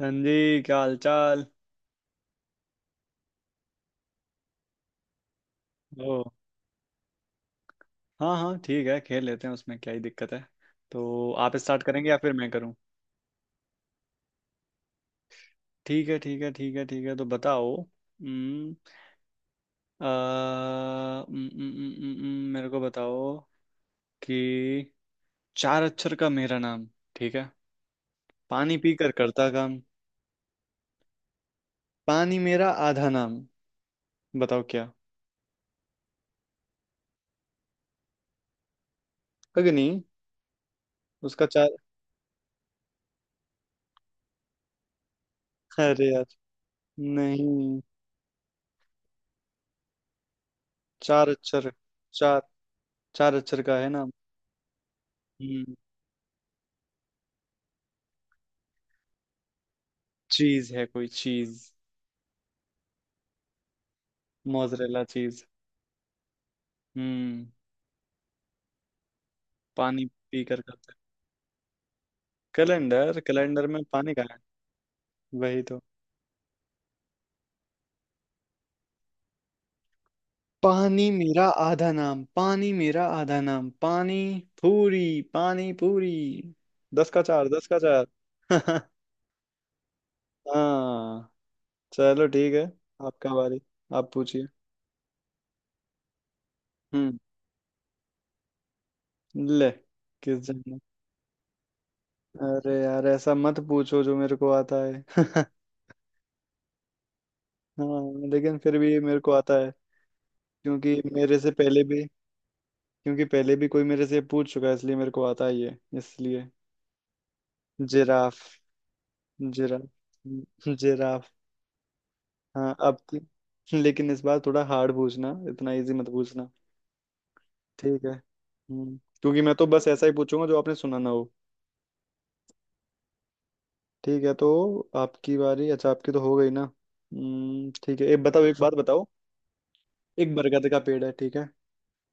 हाँ जी, क्या हाल चाल। ओ, हाँ हाँ, ठीक है, खेल लेते हैं उसमें क्या ही दिक्कत है। तो आप स्टार्ट करेंगे या फिर मैं करूँ? ठीक है ठीक है ठीक है ठीक है, तो बताओ। आ, मेरे को बताओ कि चार अक्षर का मेरा नाम, ठीक है, पानी पीकर करता काम, पानी मेरा आधा नाम, बताओ क्या। अग्नि? उसका चार। अरे यार, नहीं। चार अक्षर, चार, चार अक्षर का है नाम। हम्म चीज है कोई चीज। Mozzarella cheese. हम्म पानी पी कर खाते हैं। कैलेंडर, कैलेंडर में पानी कहाँ है? वही तो। पानी मेरा आधा नाम, पानी मेरा आधा नाम, पानी पूरी। पानी पूरी। 10 का चार, 10 का चार। हाँ, चलो ठीक है। आपका बारी, आप पूछिए। हम्म, ले, किस जन्म। अरे यार, ऐसा मत पूछो जो मेरे को आता है। हाँ, लेकिन फिर भी मेरे को आता है। क्योंकि मेरे से पहले भी। क्योंकि पहले भी कोई मेरे से पूछ चुका है, इसलिए मेरे को आता ही है, इसलिए। Giraffe, giraffe, giraffe. हाँ, अब की- लेकिन इस बार थोड़ा हार्ड पूछना, इतना इजी मत पूछना। ठीक है। क्योंकि मैं तो बस ऐसा ही पूछूंगा जो आपने सुना ना हो। ठीक है, तो आपकी बारी। अच्छा, आपकी तो हो गई ना। ठीक है, एक बताओ, एक बात बताओ। एक बरगद का पेड़ है, ठीक है।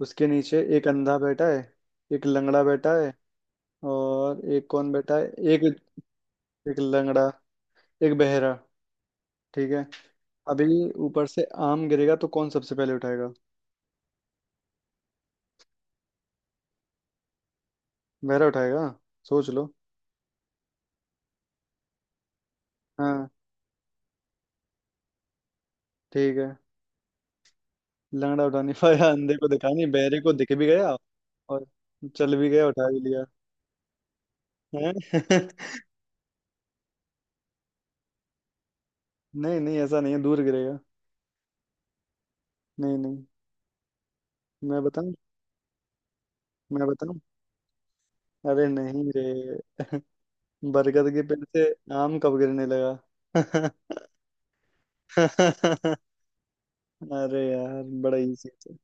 उसके नीचे एक अंधा बैठा है। एक लंगड़ा बैठा है। और एक कौन बैठा है? एक, एक लंगड़ा, एक बहरा। ठीक है। अभी ऊपर से आम गिरेगा तो कौन सबसे पहले उठाएगा? बहरा उठाएगा। सोच लो। हाँ, ठीक है। लंगड़ा उठा नहीं पाया, अंधे को दिखा नहीं, बहरे को दिख भी गया। और चल भी गया, उठा भी लिया। हैं? नहीं नहीं, ऐसा नहीं है, दूर गिरेगा। नहीं नहीं। मैं बताऊं? मैं बताऊं? अरे नहीं रे। बरगद के पेड़ से आम कब गिरने लगा? अरे यार, बड़ा इजी था।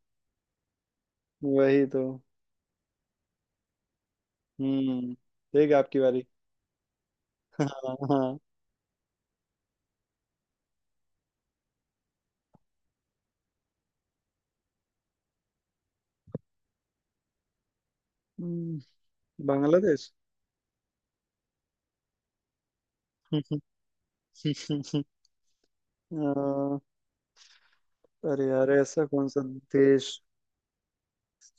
वही तो। ठीक है, आपकी बारी। हाँ हाँ। बांग्लादेश। अह, अरे यार, ऐसा कौन सा देश।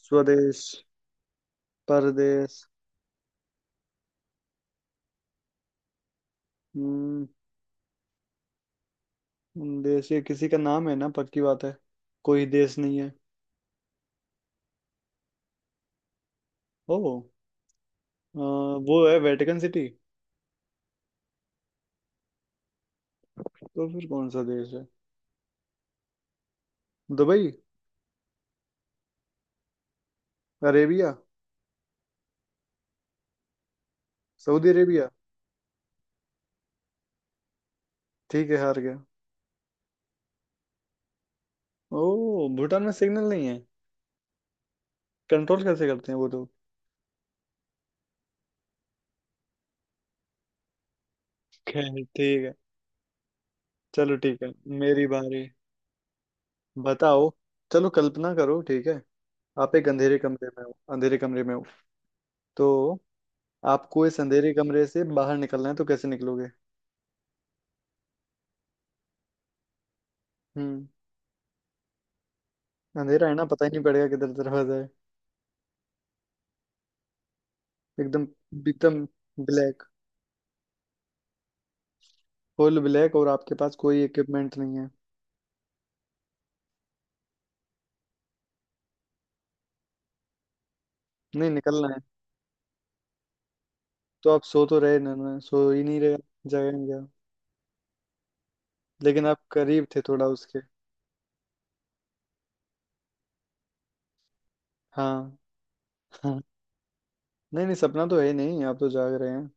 स्वदेश, परदेश। हम्म देश ये किसी का नाम है ना, पक्की बात है। कोई देश नहीं है। ओ, अह, वो है वेटिकन सिटी। तो फिर कौन सा देश है? दुबई। अरेबिया। Saudi Arabia. ठीक है, हार गया। ओ, भूटान में सिग्नल नहीं है? कंट्रोल कैसे करते हैं वो लोग? खैर, ठीक है। चलो ठीक है। मेरी बारी। बताओ। चलो कल्पना करो, ठीक है। आप एक अंधेरे कमरे में हो, अंधेरे कमरे में हो। तो आपको इस अंधेरे कमरे से बाहर निकलना है, तो कैसे निकलोगे? हम्म अंधेरा है ना, पता ही नहीं पड़ेगा किधर दरवाजा है। एकदम, एकदम ब्लैक। फुल ब्लैक, और आपके पास कोई इक्विपमेंट नहीं है। नहीं, निकलना है। तो आप सो तो रहे ना, ना सो ही नहीं रहे। जागेंगे आप। लेकिन आप करीब थे, थोड़ा उसके। हाँ। हाँ। नहीं नहीं, सपना तो है ही नहीं, आप तो जाग रहे हैं।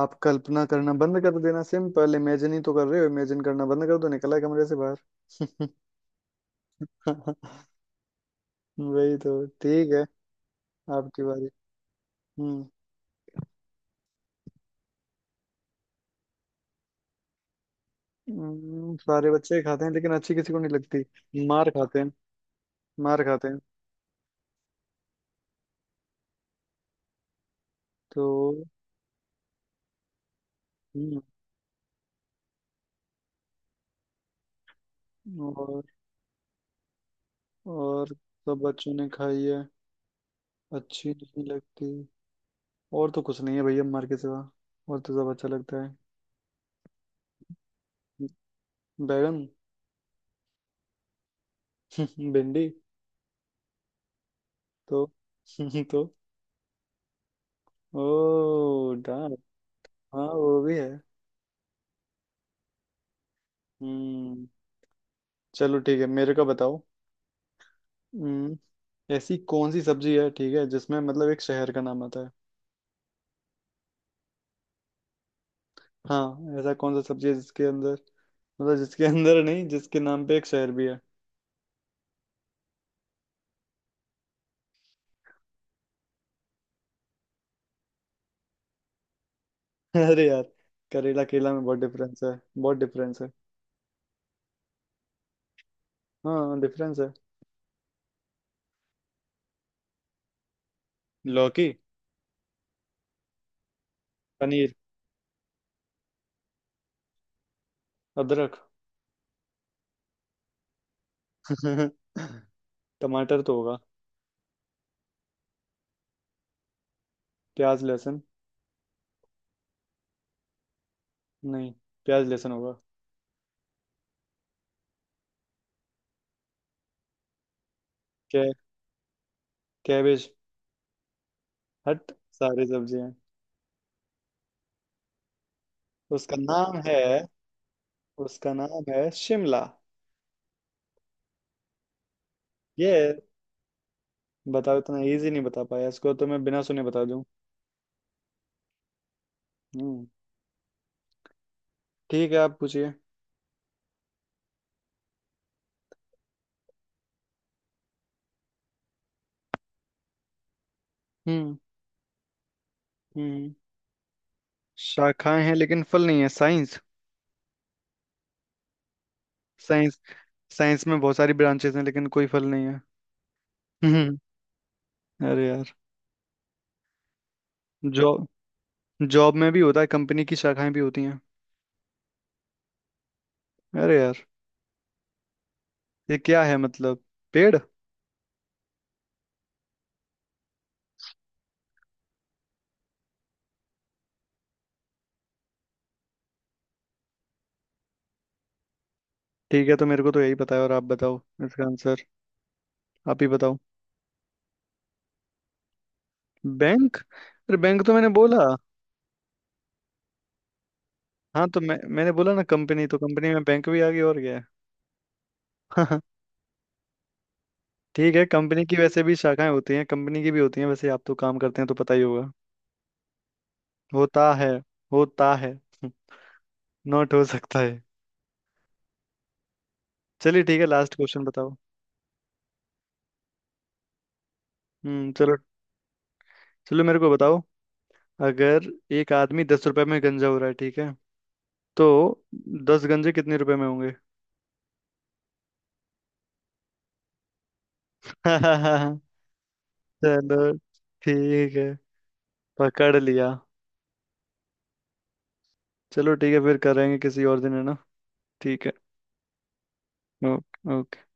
आप कल्पना करना बंद कर देना, सिंपल, इमेजिन ही तो कर रहे हो, इमेजिन करना बंद कर दो, निकला कमरे से बाहर। वही तो ठीक है। आपकी बारी। हम्म सारे बच्चे खाते हैं लेकिन अच्छी किसी को नहीं लगती। मार खाते हैं, मार खाते हैं। तो। हम्म और और सब बच्चों ने खाई है, अच्छी नहीं लगती। और तो कुछ नहीं है भैया, मार के सिवा। और तो सब अच्छा लगता है। बैगन। भिंडी। तो। तो। ओ, डाल। हाँ, वो भी है। हम्म चलो ठीक है, मेरे को बताओ। हम्म, ऐसी कौन सी सब्जी है, ठीक है, जिसमें मतलब एक शहर का नाम आता है। हाँ, ऐसा कौन सा सब्जी है जिसके अंदर, मतलब, जिसके अंदर नहीं, जिसके नाम पे एक शहर भी है। अरे यार। करेला, केला में बहुत डिफरेंस है। बहुत डिफरेंस है। हाँ, डिफरेंस है। लौकी। पनीर। अदरक। टमाटर तो होगा। प्याज, लहसुन। नहीं। प्याज, लहसुन होगा। कै कैबेज। हट। सारी सब्जियां। उसका नाम है, उसका नाम है शिमला। बताओ, इतना इजी नहीं बता पाया इसको, तो मैं बिना सुने बता दूं। हम्म ठीक है, आप पूछिए। हम्म हम्म शाखाएं हैं लेकिन फल नहीं है? साइंस। साइंस, साइंस में बहुत सारी ब्रांचेस हैं लेकिन कोई फल नहीं है। हम्म अरे यार। जॉब। जॉब में भी होता है, कंपनी की शाखाएं भी होती हैं। अरे यार, ये क्या है मतलब? पेड़। ठीक है, तो मेरे को तो यही पता है, और आप बताओ इसका आंसर। आप ही बताओ। बैंक? अरे, बैंक तो मैंने बोला। हाँ, तो मैंने बोला ना कंपनी, तो कंपनी में बैंक भी आ गई, और क्या। है। ठीक है, कंपनी की वैसे भी शाखाएं होती हैं, कंपनी की भी होती हैं वैसे, आप तो काम करते हैं तो पता ही होगा। होता है, होता है। नॉट हो सकता है। चलिए ठीक है, लास्ट क्वेश्चन बताओ। चलो। चलो मेरे को बताओ। अगर एक आदमी 10 रुपए में गंजा हो रहा है, ठीक है। तो दस गंजे कितने रुपए में होंगे? चलो ठीक है, पकड़ लिया। चलो ठीक है, फिर करेंगे किसी और दिन है ना। ठीक है। ओके।